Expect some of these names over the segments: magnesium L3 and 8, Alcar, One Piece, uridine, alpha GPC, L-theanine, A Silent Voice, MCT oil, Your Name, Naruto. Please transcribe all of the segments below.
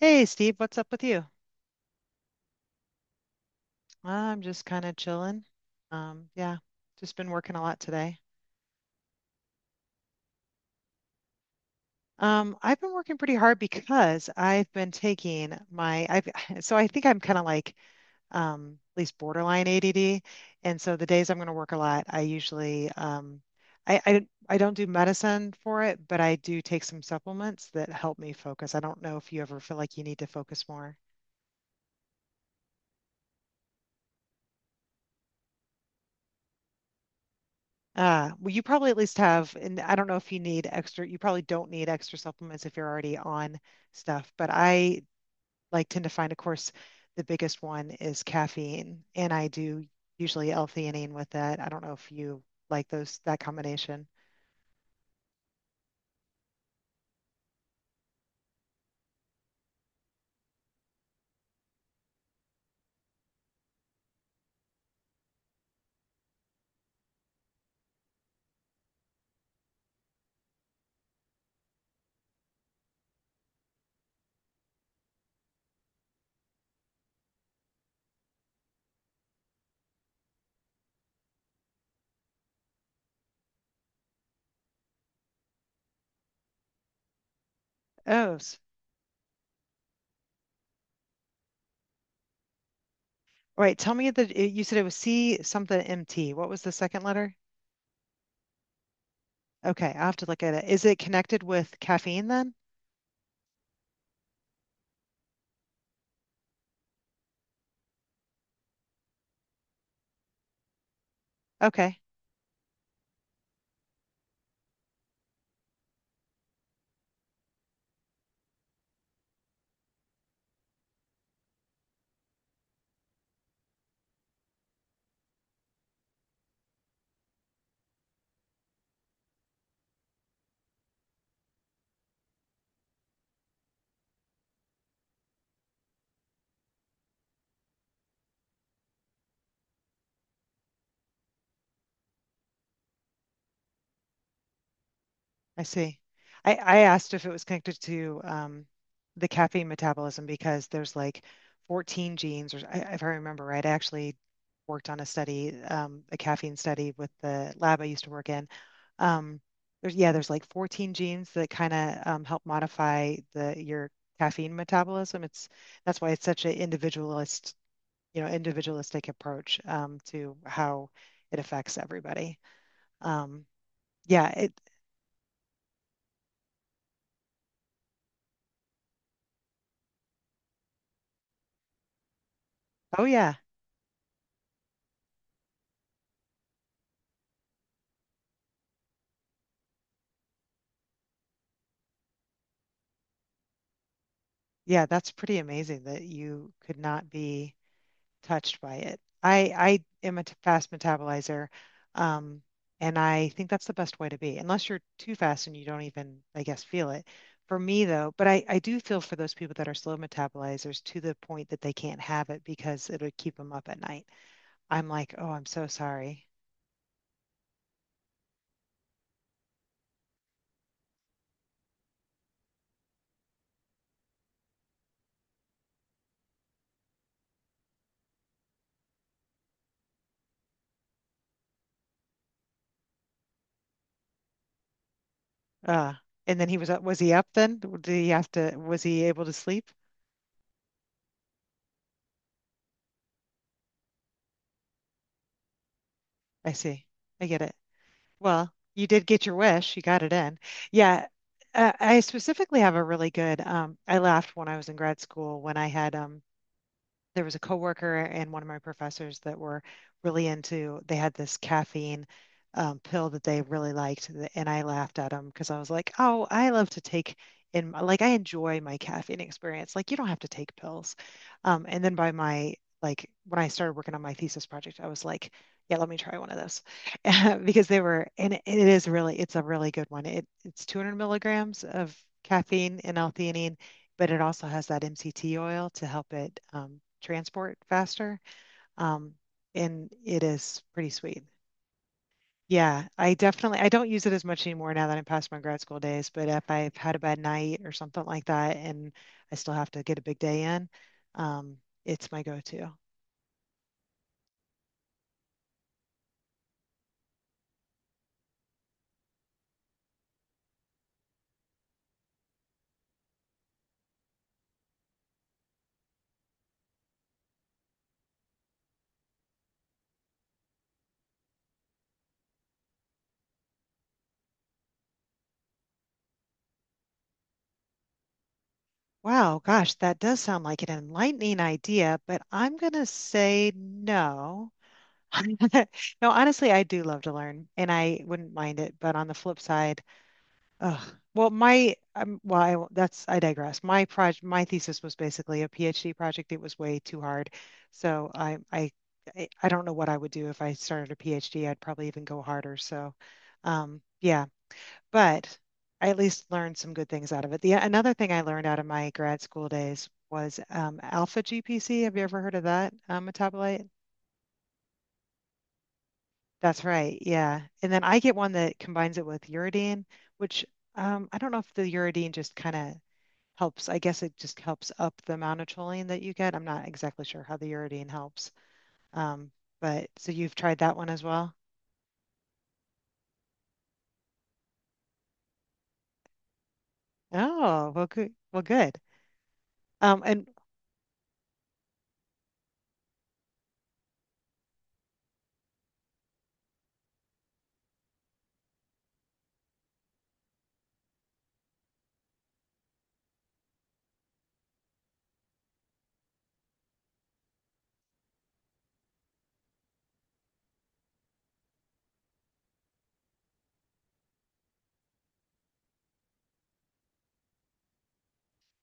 Hey Steve, what's up with you? I'm just kind of chilling. Um, yeah, just been working a lot today. I've been working pretty hard because I've been taking my I've so I think I'm kind of like at least borderline ADD. And so the days I'm going to work a lot, I usually I don't do medicine for it, but I do take some supplements that help me focus. I don't know if you ever feel like you need to focus more. Well, you probably at least have, and I don't know if you need extra, you probably don't need extra supplements if you're already on stuff, but I like tend to find, of course, the biggest one is caffeine, and I do usually L-theanine with that. I don't know if you like those, that combination. Oh, s- all right. Tell me that you said it was C something MT. What was the second letter? Okay, I have to look at it. Is it connected with caffeine then? Okay. I see. I asked if it was connected to the caffeine metabolism because there's like 14 genes, or if I remember right, I actually worked on a study, a caffeine study with the lab I used to work in. Um, yeah, there's like 14 genes that kind of help modify the your caffeine metabolism. It's that's why it's such an individualist, you know, individualistic approach to how it affects everybody. Um, yeah, it, oh yeah. Yeah, that's pretty amazing that you could not be touched by it. I am a fast metabolizer, um, and I think that's the best way to be, unless you're too fast and you don't even, I guess, feel it. For me, though, but I do feel for those people that are slow metabolizers to the point that they can't have it because it would keep them up at night. I'm like, oh, I'm so sorry. Uh, and then he was up. Was he up then? Did he have to? Was he able to sleep? I see. I get it. Well, you did get your wish. You got it in. Yeah. I specifically have a really good, I laughed when I was in grad school when I had there was a coworker and one of my professors that were really into they had this caffeine pill that they really liked, and I laughed at them because I was like, oh, I love to take in, like, I enjoy my caffeine experience, like you don't have to take pills. And then by my, like, when I started working on my thesis project, I was like, yeah, let me try one of those. Because they were, and it is really, it's a really good one. It's 200 milligrams of caffeine and L-theanine, but it also has that MCT oil to help it transport faster. Um, and it is pretty sweet. Yeah, I definitely, I don't use it as much anymore now that I'm past my grad school days, but if I've had a bad night or something like that and I still have to get a big day in, um, it's my go-to. Wow, gosh, that does sound like an enlightening idea, but I'm gonna say no. No, honestly, I do love to learn and I wouldn't mind it, but on the flip side, ugh. Well, my well, I, won't- That's, I digress. My project, my thesis was basically a PhD project. It was way too hard, so I don't know what I would do if I started a PhD. I'd probably even go harder. Um, yeah, but I at least learned some good things out of it. The Another thing I learned out of my grad school days was alpha GPC. Have you ever heard of that metabolite? That's right. Yeah, and then I get one that combines it with uridine, which I don't know if the uridine just kind of helps, I guess it just helps up the amount of choline that you get. I'm not exactly sure how the uridine helps. Um, but so you've tried that one as well? Oh, well, good. Well, good. And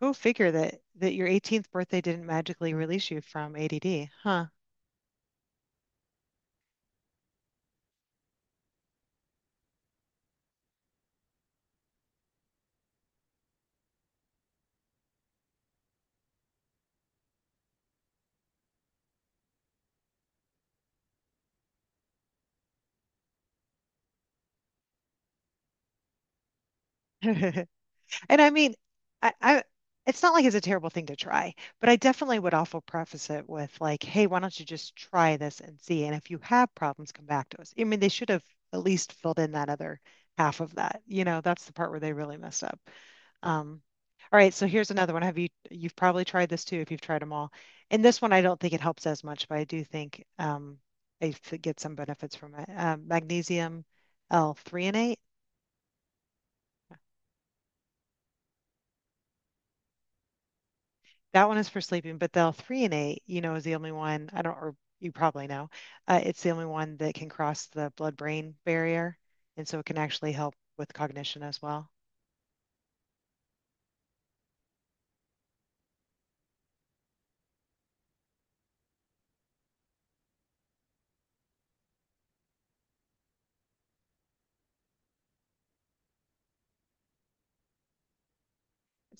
Go figure that that your 18th birthday didn't magically release you from ADD, huh? And I mean, I it's not like it's a terrible thing to try, but I definitely would also preface it with like, hey, why don't you just try this and see? And if you have problems, come back to us. I mean, they should have at least filled in that other half of that. You know, that's the part where they really messed up. Um, all right, so here's another one. Have you've probably tried this too if you've tried them all. And this one I don't think it helps as much, but I do think get some benefits from it. Magnesium L3 and 8. That one is for sleeping, but the three and eight, you know, is the only one I don't, or you probably know, it's the only one that can cross the blood-brain barrier, and so it can actually help with cognition as well.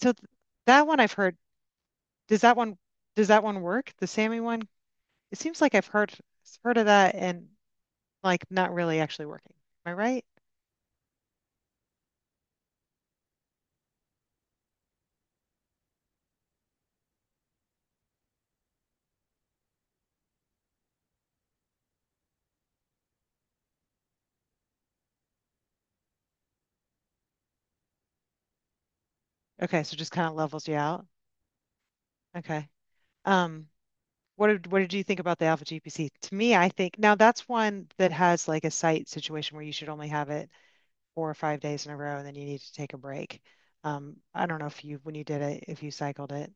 So th- that one I've heard. Does that one does that one work? The SAMI one? It seems like I've heard of that and like not really actually working. Am I right? Okay, so just kind of levels you out. Okay. Um, what did you think about the Alpha GPC? To me, I think now that's one that has like a site situation where you should only have it 4 or 5 days in a row and then you need to take a break. I don't know if you, when you did it, if you cycled it.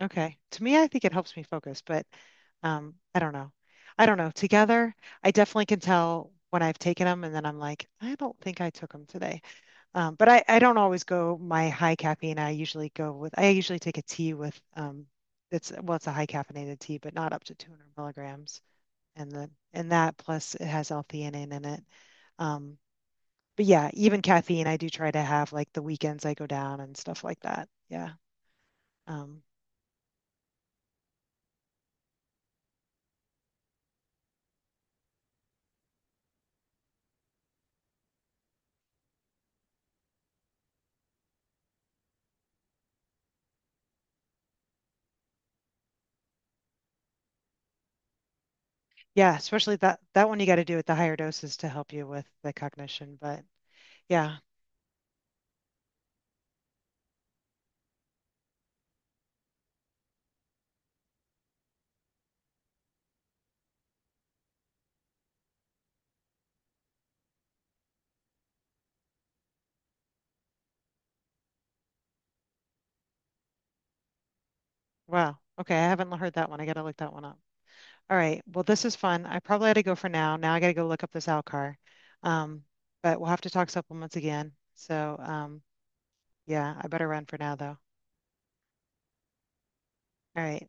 Okay. To me, I think it helps me focus, but I don't know. I don't know. Together, I definitely can tell when I've taken them and then I'm like, I don't think I took them today. But I don't always go my high caffeine. I usually go with, I usually take a tea with, well, it's a high caffeinated tea, but not up to 200 milligrams. And that plus it has L-theanine in it. Um, but yeah, even caffeine, I do try to have like the weekends I go down and stuff like that. Yeah. Um, yeah, especially that one you got to do at the higher doses to help you with the cognition. But yeah, wow. Okay, I haven't heard that one. I got to look that one up. All right. Well, this is fun. I probably had to go for now. Now I got to go look up this Alcar. Um, but we'll have to talk supplements again. Yeah, I better run for now though. All right.